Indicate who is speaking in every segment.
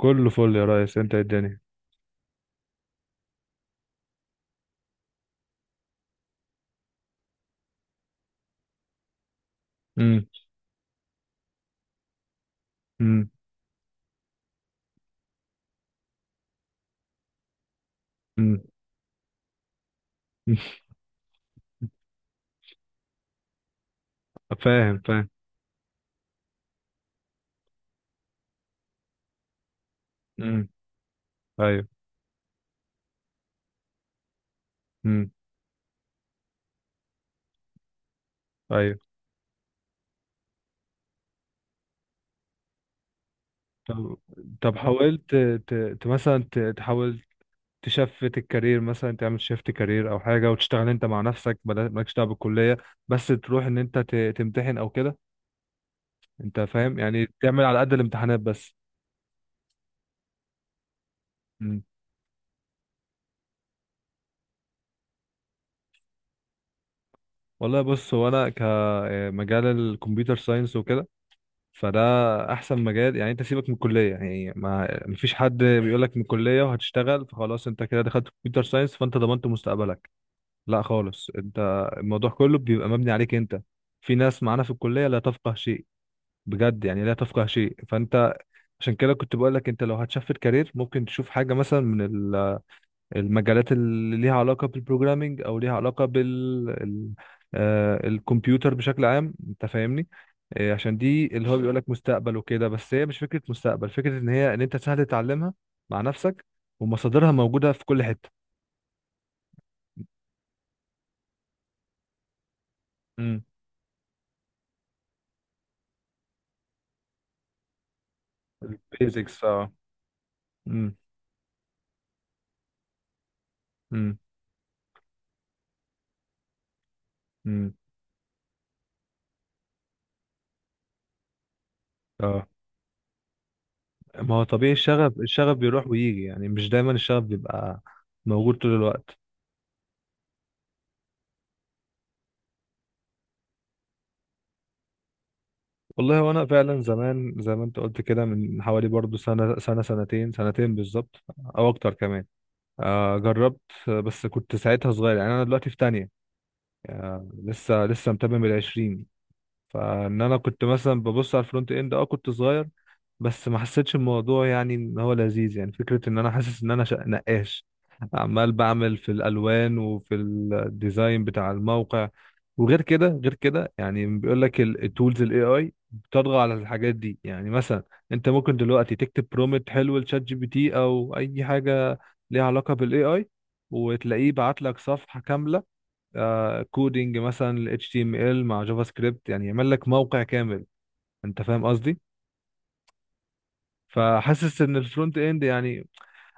Speaker 1: كله فل يا ريس، انت إيه الدنيا؟ امم امم امم فاهم فاهم. امم ايوه. امم ايوه. طب، طب حاولت ت... مثلا تحاول تشفت الكارير، مثلا تعمل شيفت كارير او حاجه وتشتغل انت مع نفسك، مالكش دعوه بالكليه، بس تروح ان انت تمتحن او كده. انت فاهم، يعني تعمل على قد الامتحانات بس. أمم. والله بص، هو انا كمجال الكمبيوتر ساينس وكده، فده احسن مجال. يعني انت سيبك من الكليه، يعني ما مفيش حد بيقول لك من الكليه وهتشتغل، فخلاص انت كده دخلت كمبيوتر ساينس فانت ضمنت مستقبلك، لا خالص. انت الموضوع كله بيبقى مبني عليك انت. في ناس معانا في الكليه لا تفقه شيء، بجد يعني لا تفقه شيء. فانت عشان كده كنت بقول لك انت لو هتشفت كارير ممكن تشوف حاجه مثلا من المجالات اللي ليها علاقه بالبروجرامينج او ليها علاقه بال الكمبيوتر بشكل عام. انت فاهمني؟ عشان دي اللي هو بيقول لك مستقبل وكده، بس هي مش فكره مستقبل، فكره ان هي ان انت سهل تتعلمها مع نفسك، ومصادرها موجوده في كل حته. امم البيزكس، اه. امم امم امم اه، ما هو طبيعي، الشغف الشغف بيروح ويجي، يعني مش دايما الشغف بيبقى موجود طول الوقت. والله وانا فعلا زمان زي ما انت قلت كده، من حوالي برضو سنة سنة سنتين بالظبط، او اكتر كمان. آه جربت. بس كنت ساعتها صغير، يعني انا دلوقتي في تانية. آه لسه متمم العشرين. فان انا كنت مثلا ببص على الفرونت اند، اه كنت صغير، بس ما حسيتش الموضوع يعني ان هو لذيذ. يعني فكرة ان انا حاسس ان انا نقاش، عمال بعمل في الالوان وفي الديزاين بتاع الموقع. وغير كده غير كده يعني بيقول لك التولز الاي اي بتطغى على الحاجات دي. يعني مثلا انت ممكن دلوقتي تكتب برومت حلو لشات جي بي تي او اي حاجة ليها علاقة بالاي اي، وتلاقيه بعت لك صفحة كاملة، آه كودينج مثلا HTML مع جافا سكريبت، يعني يعمل لك موقع كامل. انت فاهم قصدي؟ فحاسس ان الفرونت اند، يعني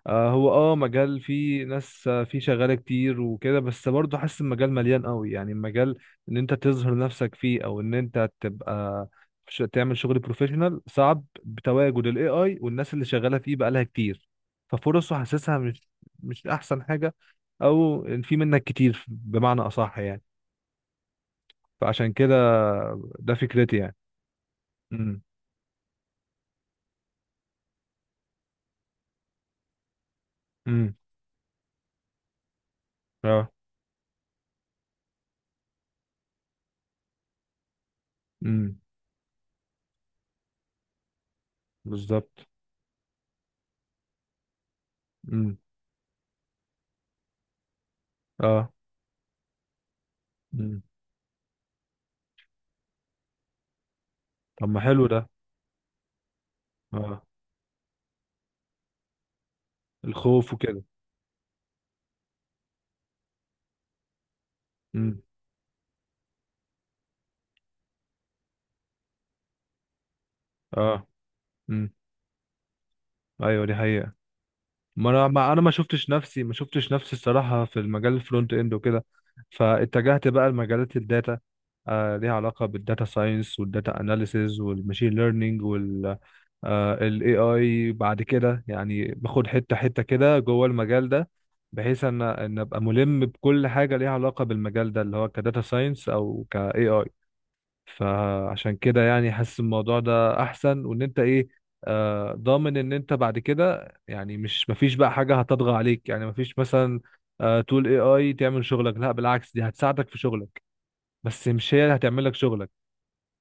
Speaker 1: آه هو اه مجال فيه ناس، آه فيه شغاله كتير وكده، بس برضه حاسس المجال مليان قوي. يعني المجال ان انت تظهر نفسك فيه او ان انت تبقى تعمل شغل بروفيشنال صعب بتواجد الاي اي والناس اللي شغاله فيه بقالها كتير. ففرصه حاسسها مش احسن حاجه، او في منك كتير بمعنى اصح يعني. فعشان كده، ده فكرتي يعني. امم امم اه. امم بالظبط. امم اه. امم طب ما حلو ده. اه، الخوف وكده. امم اه. امم ايوه دي حقيقة. ما شفتش نفسي الصراحه في المجال الفرونت اند وكده، فاتجهت بقى لمجالات الداتا. آه ليها علاقه بالداتا ساينس والداتا اناليسيز والماشين ليرنينج وال الاي اي بعد كده، يعني باخد حته حته كده جوه المجال ده، بحيث ان ابقى ملم بكل حاجه ليها علاقه بالمجال ده اللي هو كداتا ساينس او كاي اي. فعشان كده يعني حاسس الموضوع ده احسن، وان انت ايه، آه ضامن ان انت بعد كده. يعني مش مفيش بقى حاجه هتطغى عليك، يعني مفيش مثلا آه تول اي اي تعمل شغلك، لا بالعكس دي هتساعدك في شغلك، بس مش هي اللي هتعمل لك شغلك.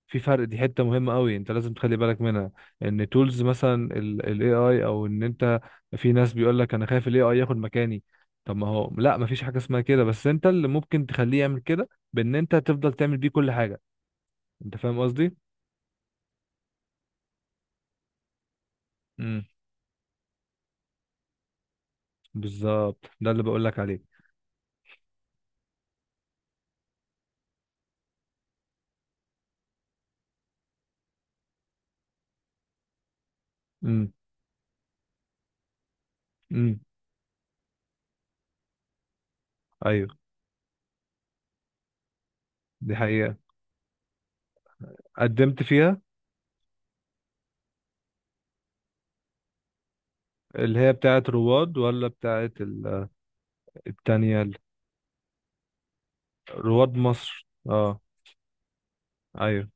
Speaker 1: في فرق، دي حته مهمه قوي انت لازم تخلي بالك منها، ان تولز مثلا الاي اي او ان انت، في ناس بيقول لك انا خايف الاي اي ياخد مكاني، طب ما هو لا مفيش حاجه اسمها كده، بس انت اللي ممكن تخليه يعمل كده بان انت تفضل تعمل بيه كل حاجه. انت فاهم قصدي؟ بالظبط، ده اللي بقول لك عليه. امم امم ايوه دي حقيقة. قدمت فيها؟ اللي هي بتاعة رواد ولا بتاعة التانية رواد مصر، اه؟ ايوه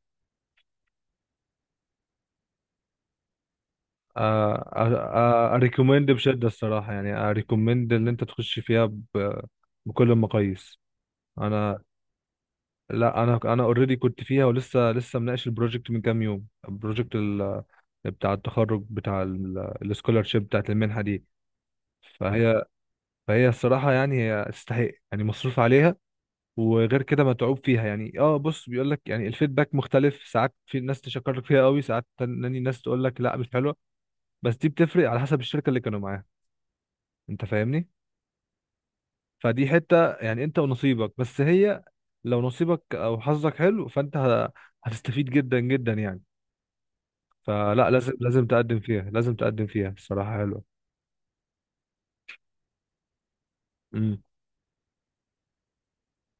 Speaker 1: اريكومند بشدة الصراحة. يعني اريكومند ان انت تخش فيها بكل المقاييس. انا، لا انا، انا اوريدي كنت فيها، ولسه لسه مناقش البروجكت من كام يوم، البروجكت بتاع التخرج بتاع السكولارشيب بتاعة المنحة دي. فهي فهي الصراحة يعني هي تستحق، يعني مصروف عليها وغير كده متعوب فيها يعني. اه بص، بيقول لك يعني الفيدباك مختلف، ساعات في ناس تشكر لك فيها قوي، ساعات تاني ناس تقول لك لا مش حلوة، بس دي بتفرق على حسب الشركة اللي كانوا معاها. انت فاهمني؟ فدي حتة يعني انت ونصيبك، بس هي لو نصيبك او حظك حلو فانت هتستفيد جدا جدا يعني. فلا لازم تقدم فيها، لازم تقدم فيها، الصراحة حلوة. امم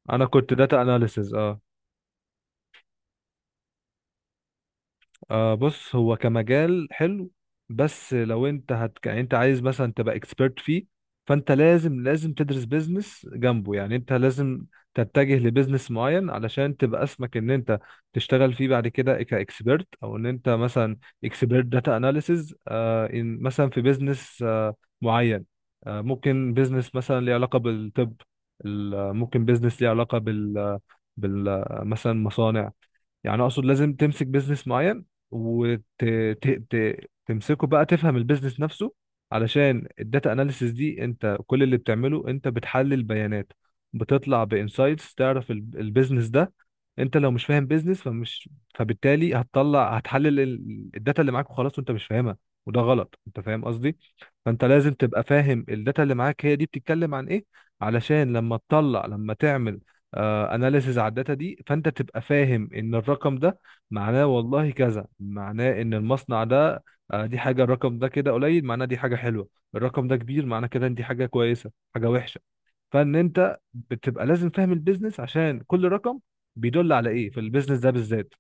Speaker 1: انا كنت داتا اناليسز. آه بص، هو كمجال حلو، بس لو انت يعني انت عايز مثلا تبقى اكسبيرت فيه فانت لازم تدرس بيزنس جنبه. يعني انت لازم تتجه لبيزنس معين علشان تبقى اسمك ان انت تشتغل فيه بعد كده كاكسبيرت، او ان انت مثلا اكسبيرت داتا اناليسز آه ان مثلا في بيزنس آه معين. آه ممكن بيزنس مثلا ليه علاقة بالطب، ممكن بيزنس ليه علاقة بال مثلا مصانع. يعني اقصد لازم تمسك بيزنس معين وتمسكه بقى، تفهم البيزنس نفسه. علشان الداتا اناليسيس دي انت كل اللي بتعمله انت بتحلل بيانات، بتطلع بانسايتس تعرف البيزنس ده. انت لو مش فاهم بيزنس فمش، فبالتالي هتطلع هتحلل الداتا اللي معاك وخلاص وانت مش فاهمها، وده غلط. انت فاهم قصدي؟ فانت لازم تبقى فاهم الداتا اللي معاك هي دي بتتكلم عن ايه، علشان لما تطلع، لما تعمل اناليسز على الداتا دي فانت تبقى فاهم ان الرقم ده معناه والله كذا، معناه ان المصنع ده دي حاجه، الرقم ده كده قليل معناه دي حاجه حلوه، الرقم ده كبير معناه كده ان دي حاجه كويسه، حاجه وحشه. فان انت بتبقى لازم فاهم البيزنس عشان كل رقم بيدل على ايه في البيزنس ده بالذات.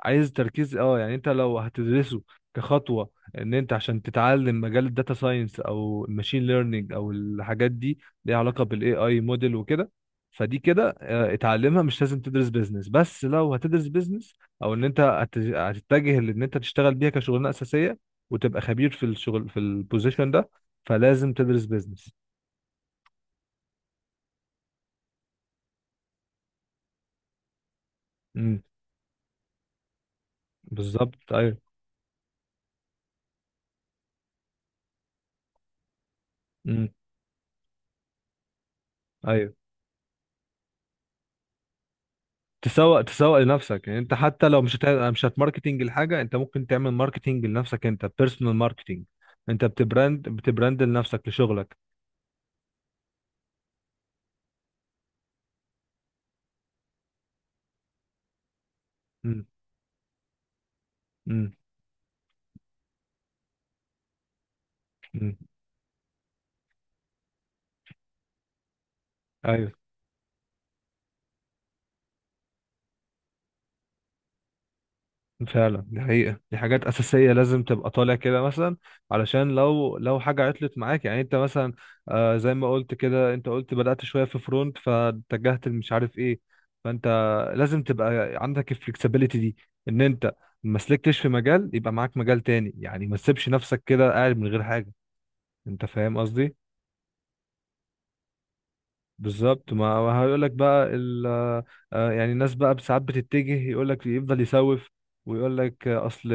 Speaker 1: عايز تركيز اه، يعني انت لو هتدرسه كخطوه ان انت عشان تتعلم مجال الداتا ساينس او الماشين ليرنينج او الحاجات دي ليها علاقه بالاي اي موديل وكده، فدي كده اتعلمها مش لازم تدرس بيزنس. بس لو هتدرس بيزنس، او ان انت هتتجه لان انت تشتغل بيها كشغلانه اساسيه وتبقى خبير في الشغل في البوزيشن ده، فلازم تدرس بيزنس. امم بالظبط ايوه. امم ايوه، تسوق، تسوق لنفسك. يعني انت حتى لو مش مش هتماركتنج الحاجه، انت ممكن تعمل ماركتنج لنفسك، انت بيرسونال ماركتنج. انت بتبراند لنفسك لشغلك. امم امم امم ايوه فعلا دي حقيقة، دي حاجات أساسية لازم تبقى طالع كده مثلا، علشان لو لو حاجة عطلت معاك، يعني أنت مثلا زي ما قلت كده، أنت قلت بدأت شوية في فرونت فاتجهت مش عارف إيه، فأنت لازم تبقى عندك الفلكسبيليتي دي، إن أنت ما سلكتش في مجال يبقى معاك مجال تاني، يعني ما تسيبش نفسك كده قاعد من غير حاجة. أنت فاهم قصدي؟ بالظبط، ما هو هيقول لك بقى يعني الناس بقى ساعات بتتجه يقول لك يفضل يسوف، ويقول لك اصل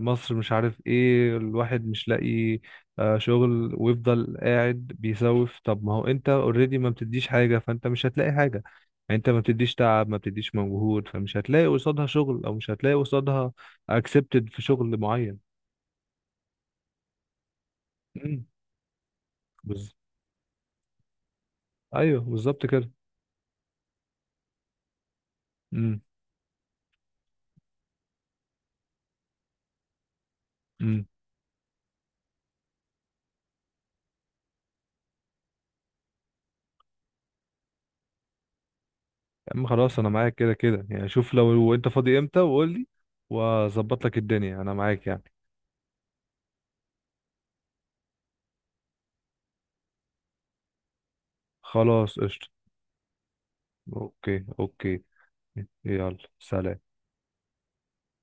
Speaker 1: مصر مش عارف ايه، الواحد مش لاقي شغل، ويفضل قاعد بيسوف، طب ما هو انت اوريدي ما بتديش حاجة فانت مش هتلاقي حاجة. يعني انت ما بتديش تعب، ما بتديش مجهود، فمش هتلاقي قصادها شغل، او مش هتلاقي قصادها اكسبتد في شغل معين. مم. بز... ايوه بالظبط كده. مم. مم. يا عم خلاص انا معاك كده كده يعني. شوف لو لو انت فاضي امتى وقول لي، واظبط لك الدنيا، انا معاك يعني. خلاص قشطة. اوكي. يلا سلام.